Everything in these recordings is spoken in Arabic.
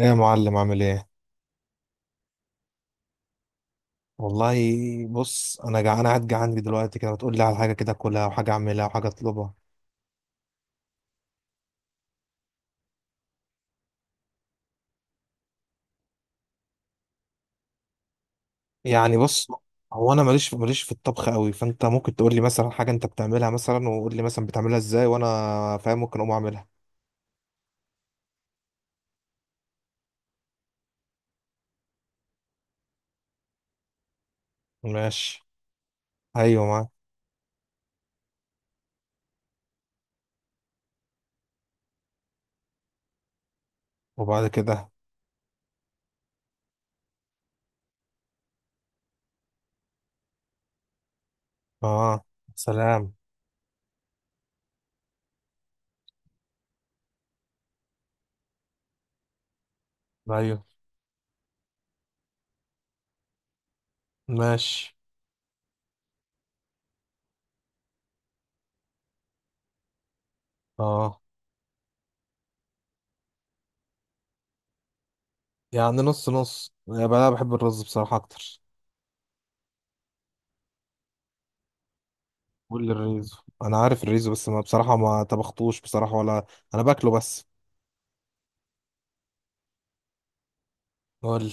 ايه يا معلم عامل ايه؟ والله. بص، انا قاعد جعان دلوقتي كده، بتقول لي على حاجه كده اكلها وحاجه اعملها وحاجه اطلبها. يعني بص، هو انا ماليش في الطبخ قوي، فانت ممكن تقول لي مثلا حاجه انت بتعملها مثلا، وقول لي مثلا بتعملها ازاي، وانا فاهم ممكن اقوم اعملها. ماشي. ايوه معاك. وبعد كده؟ اه. سلام. ايوه. ماشي. اه. يعني نص نص يا بقى، أنا بحب الرز بصراحه اكتر. قول لي الريزو. انا عارف الريزو، بس ما بصراحه ما طبختوش بصراحه ولا، انا باكله بس. قول لي.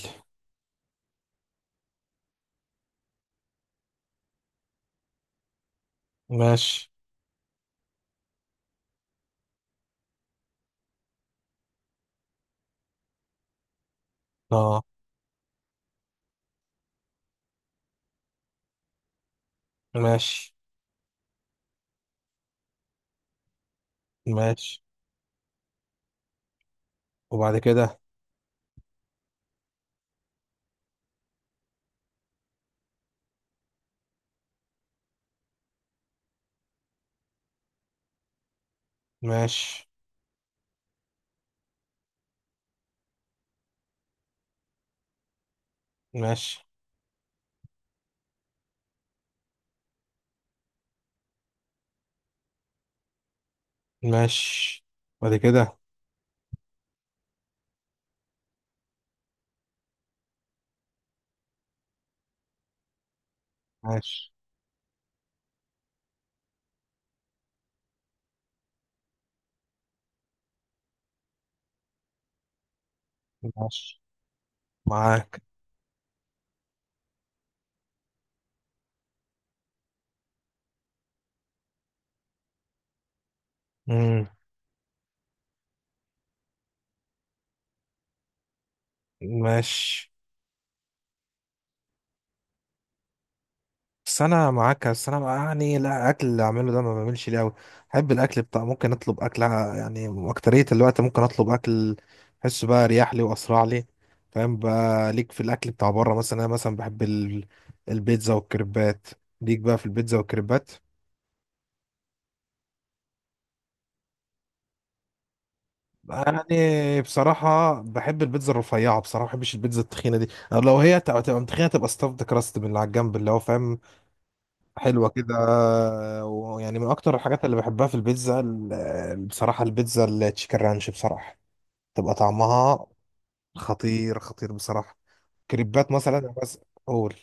ماشي. اه. ماشي. ماشي. وبعد كده؟ ماشي. ماشي. ماشي. بعد كده؟ ماشي. ماشي معاك. امم. ماشي. بس انا معاك، بس انا بقى يعني لا اكل اللي اعمله ده ما بعملش ليه قوي. احب الاكل بتاع، ممكن اطلب اكل، يعني اكترية الوقت ممكن اطلب اكل. احسه بقى اريح لي واسرع لي. فاهم بقى، ليك في الاكل بتاع بره؟ مثلا انا مثلا بحب البيتزا والكريبات. ليك بقى في البيتزا والكريبات؟ يعني بصراحة بحب البيتزا الرفيعة بصراحة، ما بحبش البيتزا التخينة دي. لو هي تبقى متخينة، تبقى ستافد كراست من اللي على الجنب اللي هو فاهم. حلوة كده. ويعني من أكتر الحاجات اللي بحبها في البيتزا بصراحة البيتزا التشيكن رانش بصراحة. تبقى طعمها خطير خطير بصراحة. كريبات مثلا بس. قول.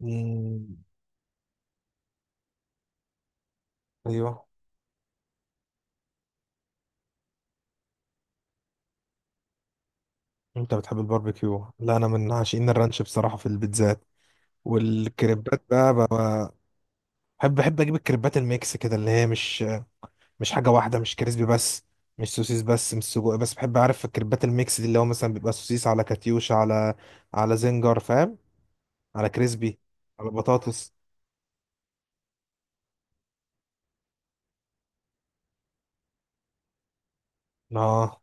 مم، أيوه. أنت بتحب الباربيكيو؟ لا، أنا من عاشقين الرانش بصراحة في البيتزات. والكريبات بقى. بحب اجيب الكريبات الميكس كده، اللي هي مش حاجه واحده، مش كريسبي بس، مش سوسيس بس، مش سجق بس، بحب اعرف الكريبات الميكس دي، اللي هو مثلا بيبقى سوسيس على كاتيوش على زنجر فاهم، على كريسبي، على بطاطس. اه.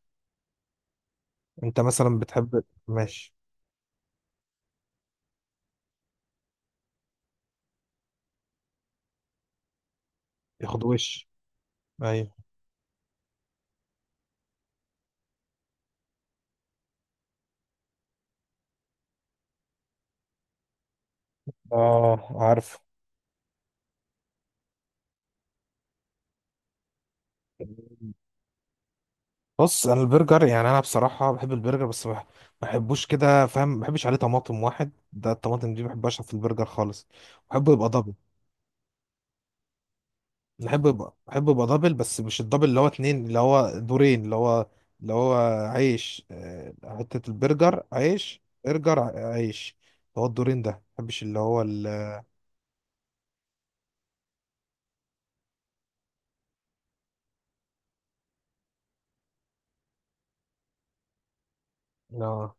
انت مثلا بتحب، ماشي. ياخد وش؟ ايوه. اه عارف. بص، انا البرجر يعني انا بصراحه بحب البرجر، بس ما بحبوش كده فاهم، ما بحبش عليه طماطم واحد ده، الطماطم دي ما بحبهاش في البرجر خالص. بحبه يبقى دبل. بحب يبقى دبل، بس مش الدبل اللي هو اتنين، اللي هو دورين، اللي هو عيش، حتة البرجر، عيش برجر، عيش. اللي هو الدورين ده ما بحبش، اللي هو ال اه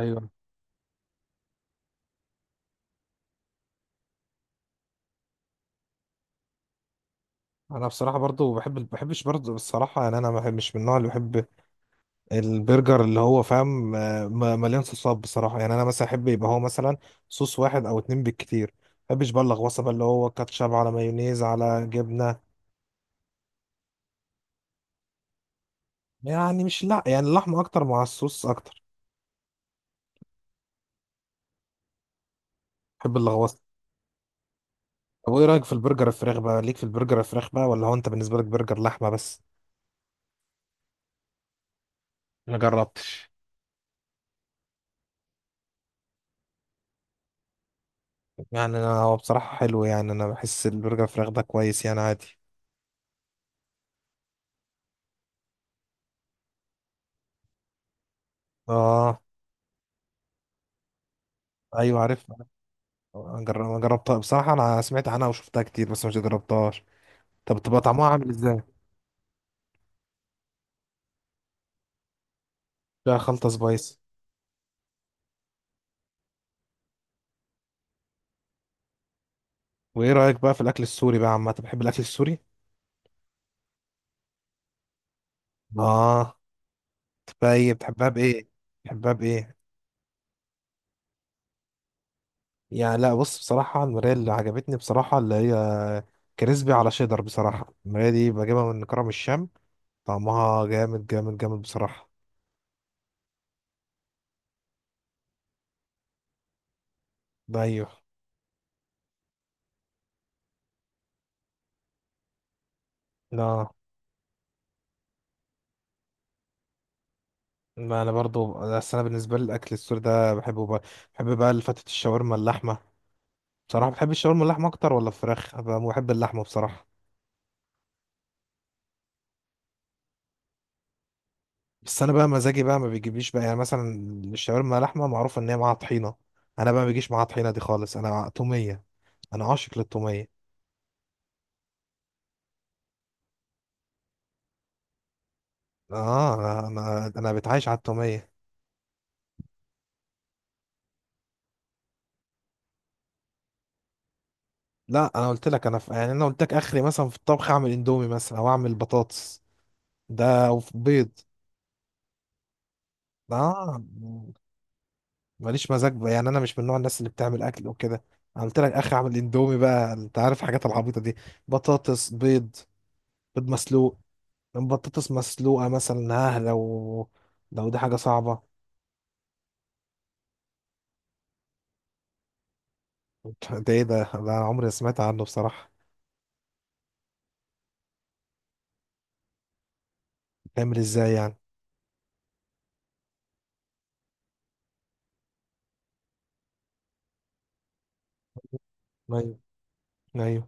ايوه. انا بصراحة برضو بحب، ما بحبش برضو الصراحة يعني، انا ما بحب- مش من النوع اللي بحب البرجر اللي هو فاهم، مليان صوصات بصراحة. يعني انا مثلا احب يبقى هو مثلا صوص واحد او اتنين بالكتير. ما بحبش بقى اللغوصة بقى، اللي هو كاتشب على مايونيز على جبنة. يعني مش، لا يعني اللحمة اكتر مع الصوص اكتر. بحب اللغوصة. طب وايه رايك في البرجر الفراخ بقى؟ ليك في البرجر الفراخ بقى، ولا هو انت بالنسبه لك برجر لحمه بس؟ ما جربتش. يعني انا هو بصراحه حلو، يعني انا بحس البرجر الفراخ ده كويس، يعني عادي. اه. ايوه عارف. أنا جربتها بصراحه، انا سمعت عنها وشفتها كتير بس مش جربتهاش. طب بتبقى طعمها عامل ازاي؟ فيها خلطه سبايس؟ وايه رايك بقى في الاكل السوري بقى عامه؟ بتحب الاكل السوري؟ اه. طب بتحبها بايه؟ بتحبها بايه؟ يعني لا، بص، بصراحة المراية اللي عجبتني بصراحة اللي هي كريسبي على شيدر، بصراحة المراية دي بجيبها من كرم الشام. طعمها جامد جامد جامد بصراحة. ده أيوه لا. ما أنا برضو، بس أنا بالنسبة لي الأكل السوري ده بحبه بقى. بحب بقى الفتة، الشاورما اللحمة. بصراحة بحب الشاورما اللحمة أكتر ولا الفراخ؟ أنا بحب اللحمة بصراحة. بس أنا بقى مزاجي بقى ما بيجيبليش بقى، يعني مثلا الشاورما لحمة معروف إن هي معاها طحينة. أنا بقى ما بيجيش معاها طحينة دي خالص، أنا تومية. أنا عاشق للتومية. اه. انا ده، انا بتعايش على التوميه. لا، انا قلت لك يعني انا قلت لك اخري مثلا في الطبخ اعمل اندومي مثلا او اعمل بطاطس، ده او في بيض. اه. ماليش مزاج بقى. يعني انا مش من نوع الناس اللي بتعمل اكل وكده. انا قلت لك اخري اعمل اندومي بقى، انت عارف الحاجات العبيطه دي، بطاطس، بيض. بيض مسلوق، بطاطس مسلوقه مثلا، ها لو دي حاجه صعبه. ده ايه ده أنا عمري ما سمعت عنه بصراحه. تعمل ازاي يعني؟ ايوه، ايوه.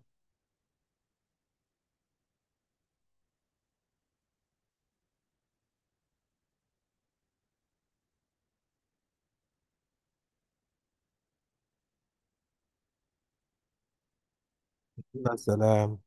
يا سلام.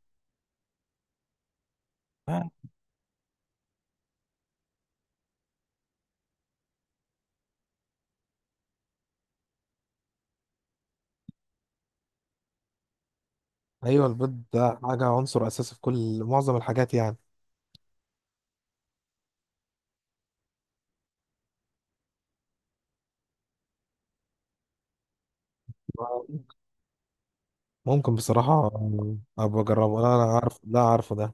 ايوه، البيض ده حاجه عنصر اساسي في كل معظم الحاجات يعني. ممكن بصراحه ابقى اجربه. لا انا عارف، لا عارفه ده.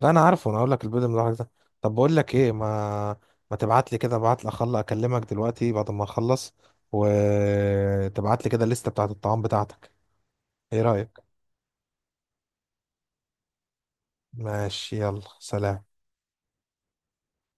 لا انا عارفه، انا اقول لك البيض من الحاجات ده. طب بقول لك ايه، ما تبعت لي كده، ابعت لي، اخلص اكلمك دلوقتي بعد ما اخلص، وتبعت لي كده الليسته بتاعت الطعام بتاعتك. ايه رايك؟ ماشي، يلا سلام.